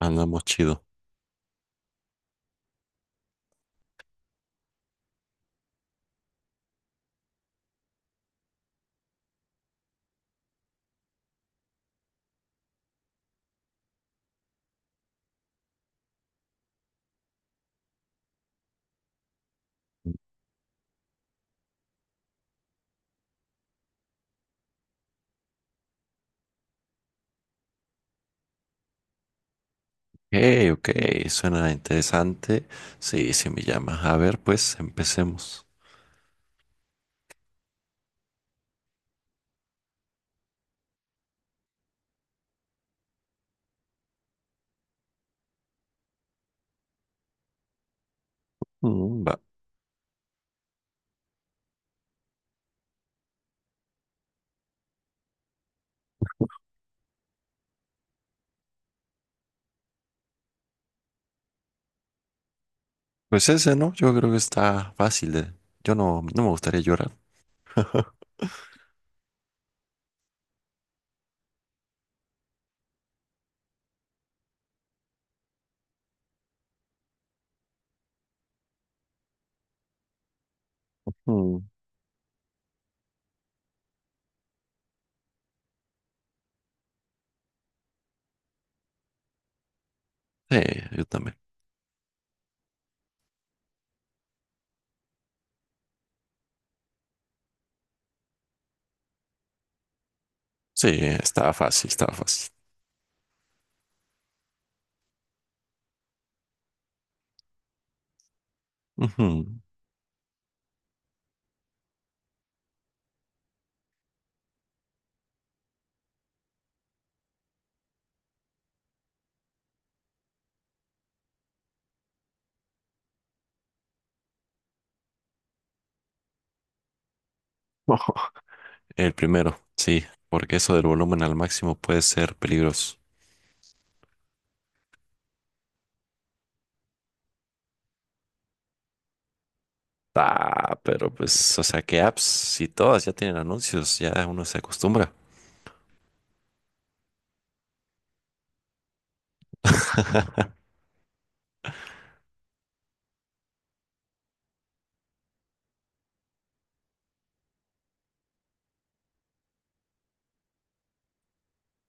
Andamos chido. Ok, ok, suena interesante. Sí, sí me llama. A ver, pues empecemos. Mm, va. Pues ese, ¿no? Yo creo que está fácil. Yo no, no me gustaría llorar. Mm, sí, yo también. Sí, está fácil, está fácil. Ujú. El primero, sí, porque eso del volumen al máximo puede ser peligroso. Ah, pero pues, o sea, que apps, si todas ya tienen anuncios, ya uno se acostumbra.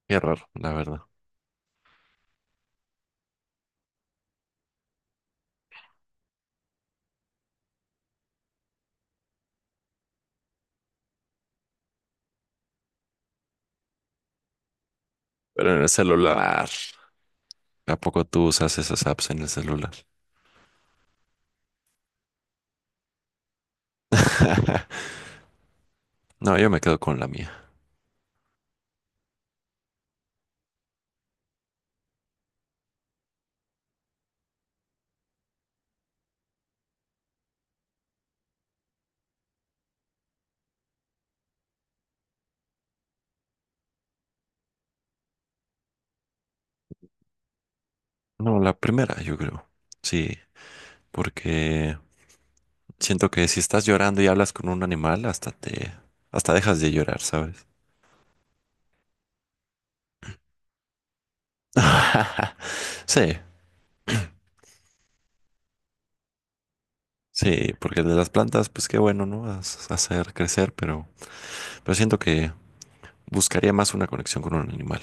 Qué raro, la verdad. Pero en el celular. ¿A poco tú usas esas apps en el celular? No, yo me quedo con la mía. No, la primera, yo creo. Sí, porque siento que si estás llorando y hablas con un animal, hasta dejas de llorar, ¿sabes? Sí, sí, porque el de las plantas, pues qué bueno, ¿no? Hacer crecer, pero siento que buscaría más una conexión con un animal.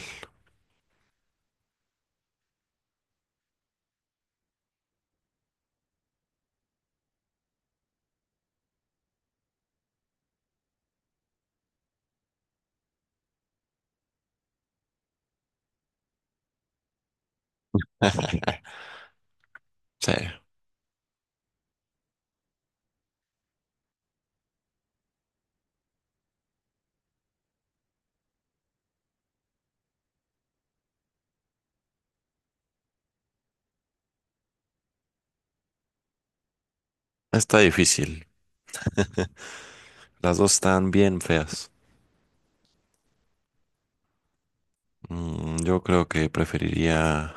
Sí, está difícil. Las dos están bien feas. Yo creo que preferiría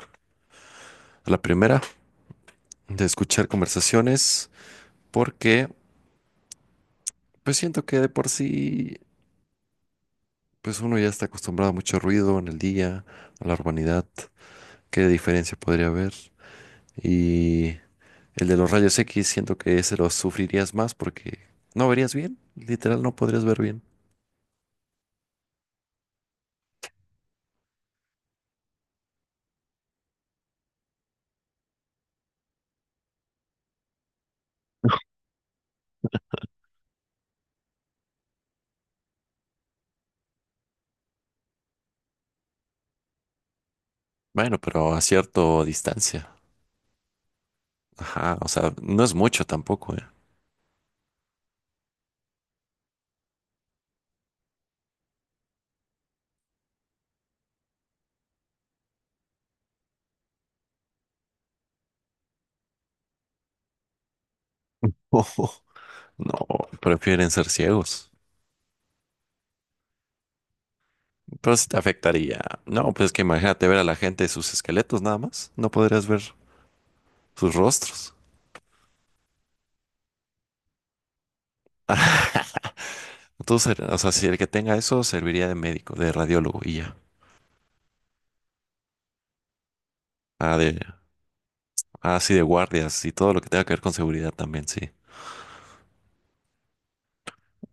a la primera, de escuchar conversaciones, porque pues siento que de por sí, pues uno ya está acostumbrado a mucho ruido en el día, a la urbanidad, qué diferencia podría haber. Y el de los rayos X siento que ese lo sufrirías más porque no verías bien, literal no podrías ver bien. Bueno, pero a cierta distancia. Ajá, o sea, no es mucho tampoco, ¿eh? No, no, prefieren ser ciegos. Pero sí te afectaría. No, pues es que imagínate ver a la gente sus esqueletos nada más. No podrías ver sus rostros. Entonces o sea, si el que tenga eso serviría de médico, de radiólogo y ya. Ah, de, ah, sí, de guardias y todo lo que tenga que ver con seguridad también, sí.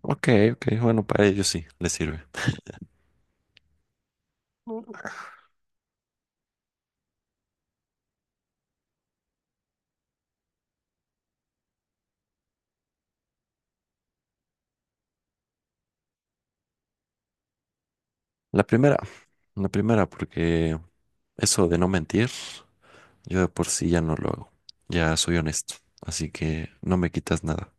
Ok, ok, bueno, para ellos sí, les sirve. La primera, la primera, porque eso de no mentir, yo de por sí ya no lo hago. Ya soy honesto, así que no me quitas nada.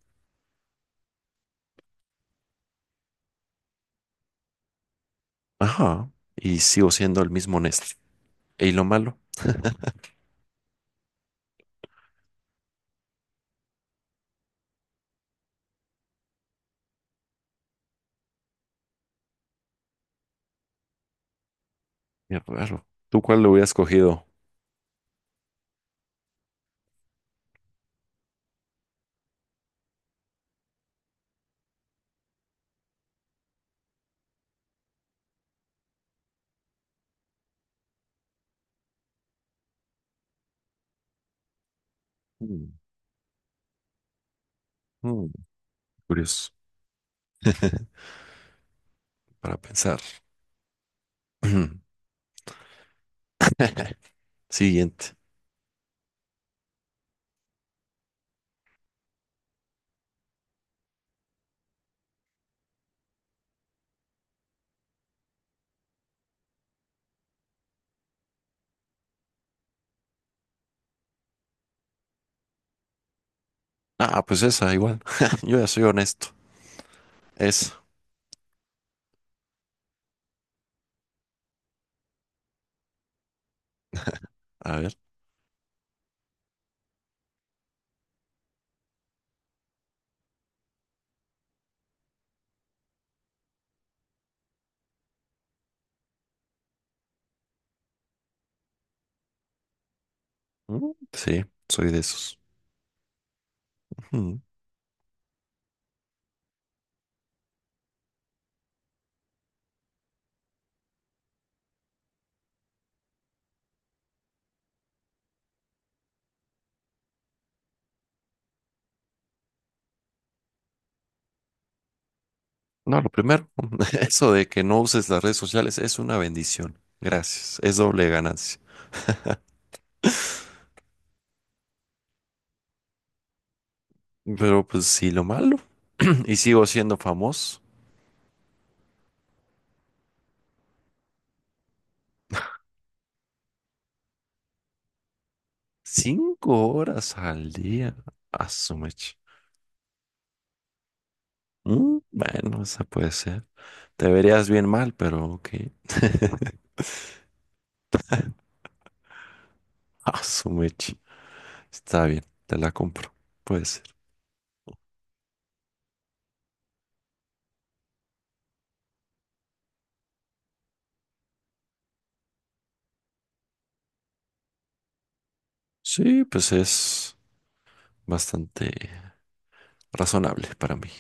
Ajá, y sigo siendo el mismo honesto. ¿Y lo malo? Qué raro. ¿Tú cuál lo hubieras cogido? Mm, mm, curioso. Para pensar. Siguiente. Ah, pues esa, igual. Yo ya soy honesto. Esa. A ver. Mm, sí, soy de esos. Ujú. No, lo primero, eso de que no uses las redes sociales es una bendición. Gracias. Es doble ganancia. Pero pues sí, lo malo. Y sigo siendo famoso. 5 horas al día. A su mecha. Bueno, esa puede ser. Te verías bien mal, pero ok. Ah, su mecha. Está bien, te la compro. Puede ser. Sí, pues es bastante razonable para mí.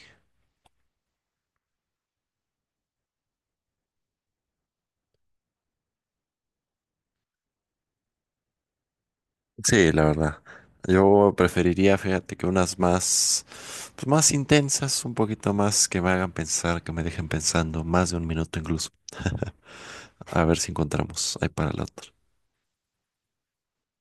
Sí, la verdad. Yo preferiría, fíjate, que unas más, pues más intensas, un poquito más que me hagan pensar, que me dejen pensando más de un minuto incluso. A ver si encontramos ahí para la otra.